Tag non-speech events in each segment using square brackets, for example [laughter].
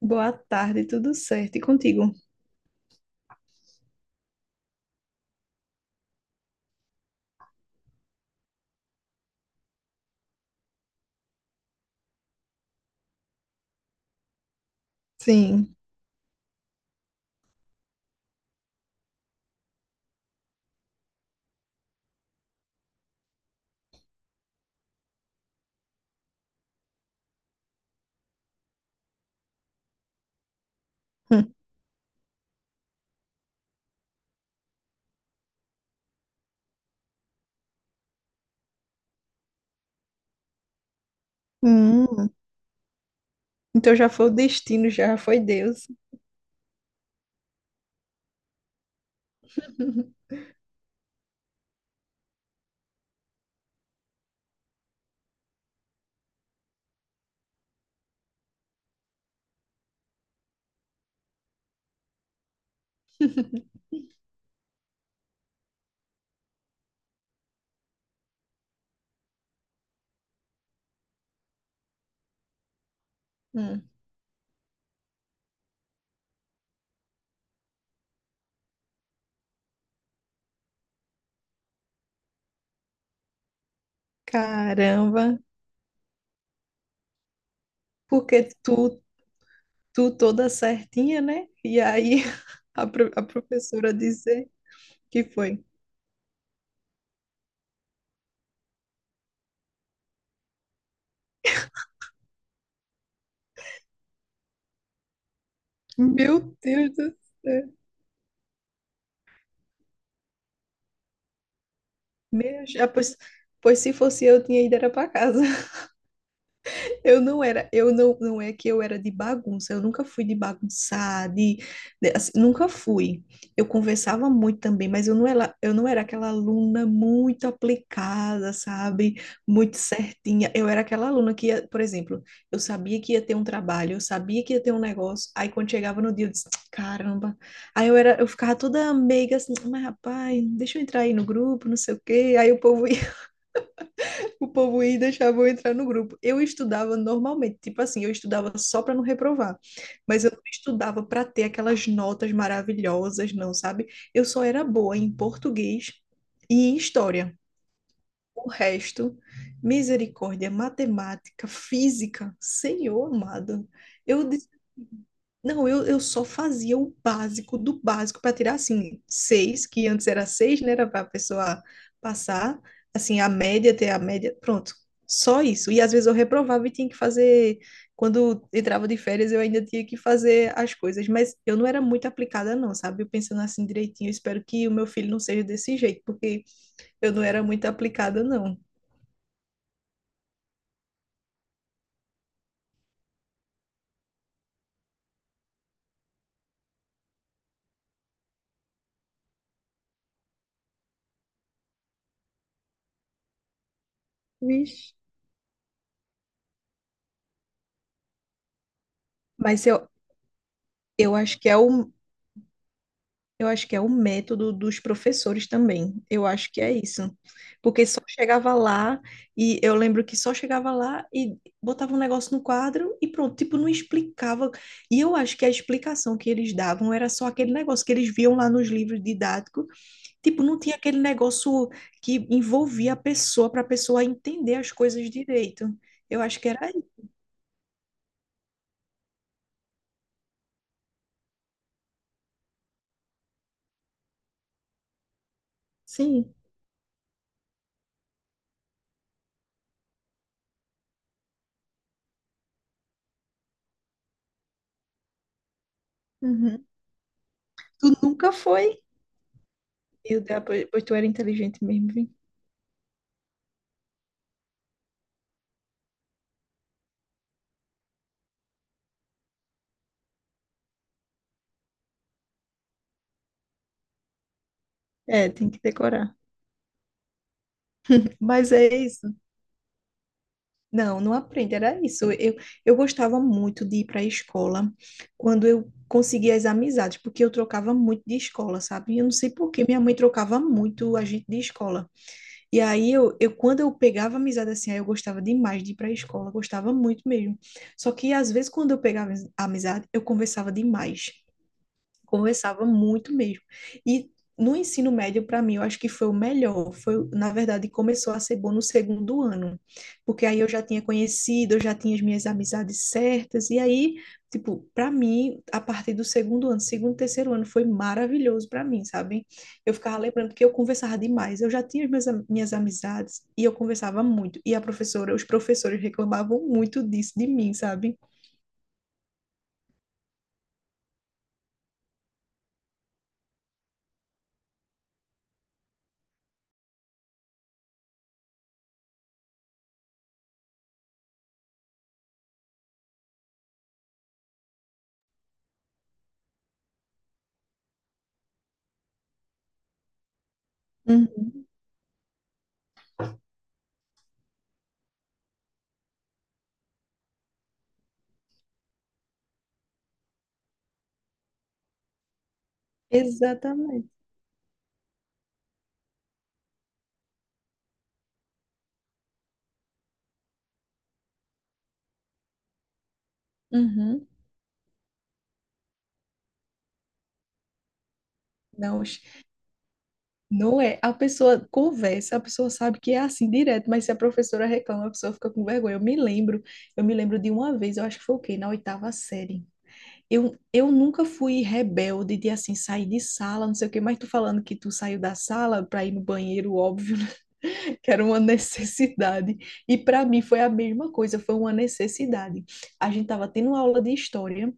Boa tarde, tudo certo? E contigo? Sim. Hum. Hum. Então já foi o destino, já foi Deus. [laughs] Hum. Caramba, porque tu toda certinha, né? E aí [laughs] a professora dizer que foi. Meu Deus do céu. Meu, já, pois, pois se fosse eu, tinha ido era pra casa. Eu não era, eu não, Não é que eu era de bagunça, eu nunca fui de bagunçar, assim, nunca fui. Eu conversava muito também, mas eu não era aquela aluna muito aplicada, sabe? Muito certinha. Eu era aquela aluna que ia, por exemplo, eu sabia que ia ter um trabalho, eu sabia que ia ter um negócio, aí quando chegava no dia eu disse, caramba. Eu ficava toda meiga assim, mas rapaz, deixa eu entrar aí no grupo, não sei o quê. Aí o povo ia e deixava eu entrar no grupo. Eu estudava normalmente, tipo assim, eu estudava só para não reprovar. Mas eu não estudava para ter aquelas notas maravilhosas, não, sabe? Eu só era boa em português e em história. O resto, misericórdia, matemática, física, Senhor amado. Eu disse, não, eu só fazia o básico do básico para tirar assim, seis, que antes era seis, né? Era para a pessoa passar, assim, a média, ter a média, pronto. Só isso. E às vezes eu reprovava e tinha que fazer. Quando entrava de férias, eu ainda tinha que fazer as coisas, mas eu não era muito aplicada, não, sabe? Eu pensando assim direitinho, eu espero que o meu filho não seja desse jeito, porque eu não era muito aplicada, não. Vixe. Mas eu, eu acho que eu acho que é o método dos professores também. Eu acho que é isso. Porque só chegava lá e eu lembro que só chegava lá e botava um negócio no quadro e pronto, tipo, não explicava. E eu acho que a explicação que eles davam era só aquele negócio que eles viam lá nos livros didáticos, tipo, não tinha aquele negócio que envolvia a pessoa para a pessoa entender as coisas direito. Eu acho que era isso. Sim. Uhum. Tu nunca foi. Meu Deus, pois tu era inteligente mesmo, viu? É, tem que decorar. Mas é isso. Não, não aprende, era isso. Eu gostava muito de ir para a escola quando eu conseguia as amizades, porque eu trocava muito de escola, sabe? Eu não sei por que minha mãe trocava muito a gente de escola. E aí, eu quando eu pegava amizade assim, aí eu gostava demais de ir para a escola, gostava muito mesmo. Só que às vezes, quando eu pegava amizade, eu conversava demais. Conversava muito mesmo. E no ensino médio, para mim, eu acho que foi o melhor. Foi, na verdade, começou a ser bom no segundo ano, porque aí eu já tinha conhecido, eu já tinha as minhas amizades certas, e aí, tipo, para mim, a partir do segundo ano, segundo, terceiro ano, foi maravilhoso para mim, sabe? Eu ficava lembrando que eu conversava demais, eu já tinha as minhas amizades e eu conversava muito, e a professora, os professores reclamavam muito disso de mim, sabe? Uhum, exatamente. Uhum. Não. Não é? A pessoa conversa, a pessoa sabe que é assim direto, mas se a professora reclama, a pessoa fica com vergonha. Eu me lembro de uma vez, eu acho que foi o quê? Na oitava série. Eu nunca fui rebelde de assim sair de sala, não sei o quê, mas tu falando que tu saiu da sala para ir no banheiro, óbvio, né? [laughs] que era uma necessidade. E para mim foi a mesma coisa, foi uma necessidade. A gente tava tendo aula de história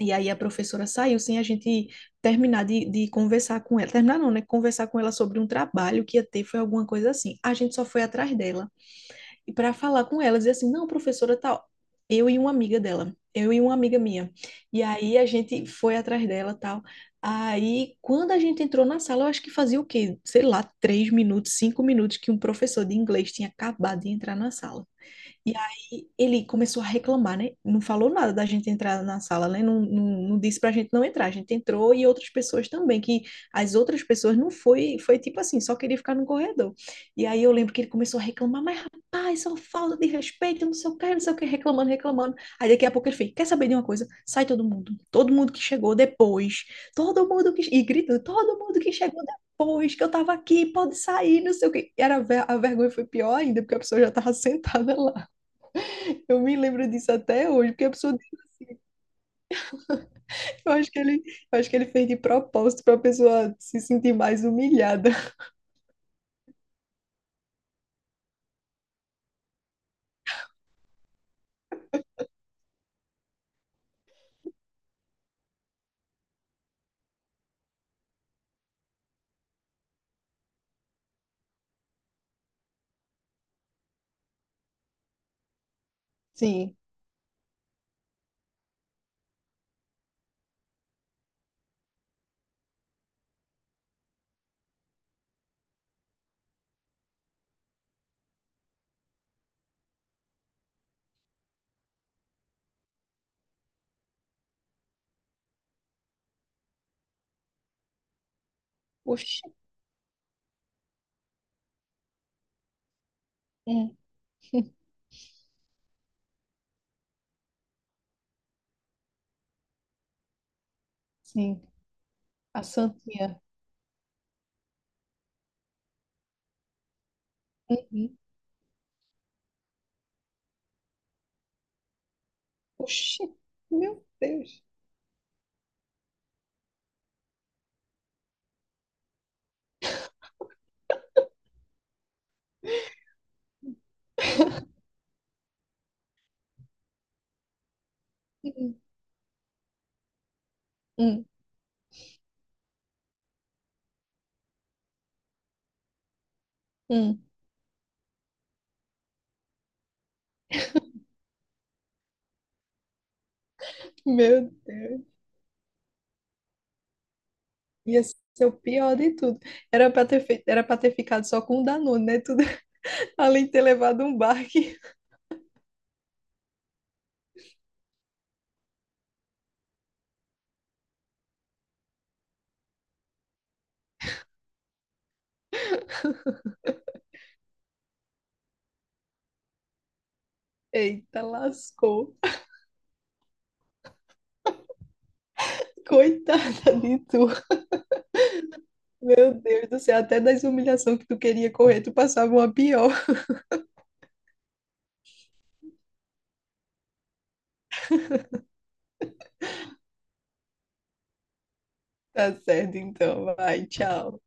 e aí a professora saiu sem a gente terminar de conversar com ela. Terminar não, né? Conversar com ela sobre um trabalho que ia ter, foi alguma coisa assim. A gente só foi atrás dela. E para falar com ela, dizer assim, não, professora, tal, eu e uma amiga dela, eu e uma amiga minha. E aí a gente foi atrás dela, tal. Aí, quando a gente entrou na sala, eu acho que fazia o quê? Sei lá, três minutos, cinco minutos que um professor de inglês tinha acabado de entrar na sala. E aí ele começou a reclamar, né? Não falou nada da gente entrar na sala, né? Não, não disse pra gente não entrar. A gente entrou e outras pessoas também, que as outras pessoas não foi, foi tipo assim, só queria ficar no corredor. E aí eu lembro que ele começou a reclamar, mas rapaz, só falta de respeito, não sei o que, não sei o que, reclamando, reclamando. Aí daqui a pouco ele fez, quer saber de uma coisa? Sai todo mundo. Todo mundo que chegou depois. Todo mundo que... E gritando, todo mundo que chegou depois, que eu tava aqui, pode sair, não sei o que. A vergonha foi pior ainda, porque a pessoa já tava [laughs] sentada lá. Eu me lembro disso até hoje, porque a pessoa, eu acho que ele, eu acho que ele fez de propósito para a pessoa se sentir mais humilhada. Sim. Oxi. Hum. [laughs] Sim. A santinha. Uhum. Oxi. Meu Deus. [laughs] Hum. Hum. Hum. Meu Deus. Ia ser o pior de tudo. Era para ter feito, era para ter ficado só com o Danone, né? Tudo, [laughs] além de ter levado um baque. [laughs] Eita, lascou. Coitada de tu. Meu Deus do céu, até das humilhações que tu queria correr, tu passava uma pior. [laughs] Tá certo, então. Vai, tchau.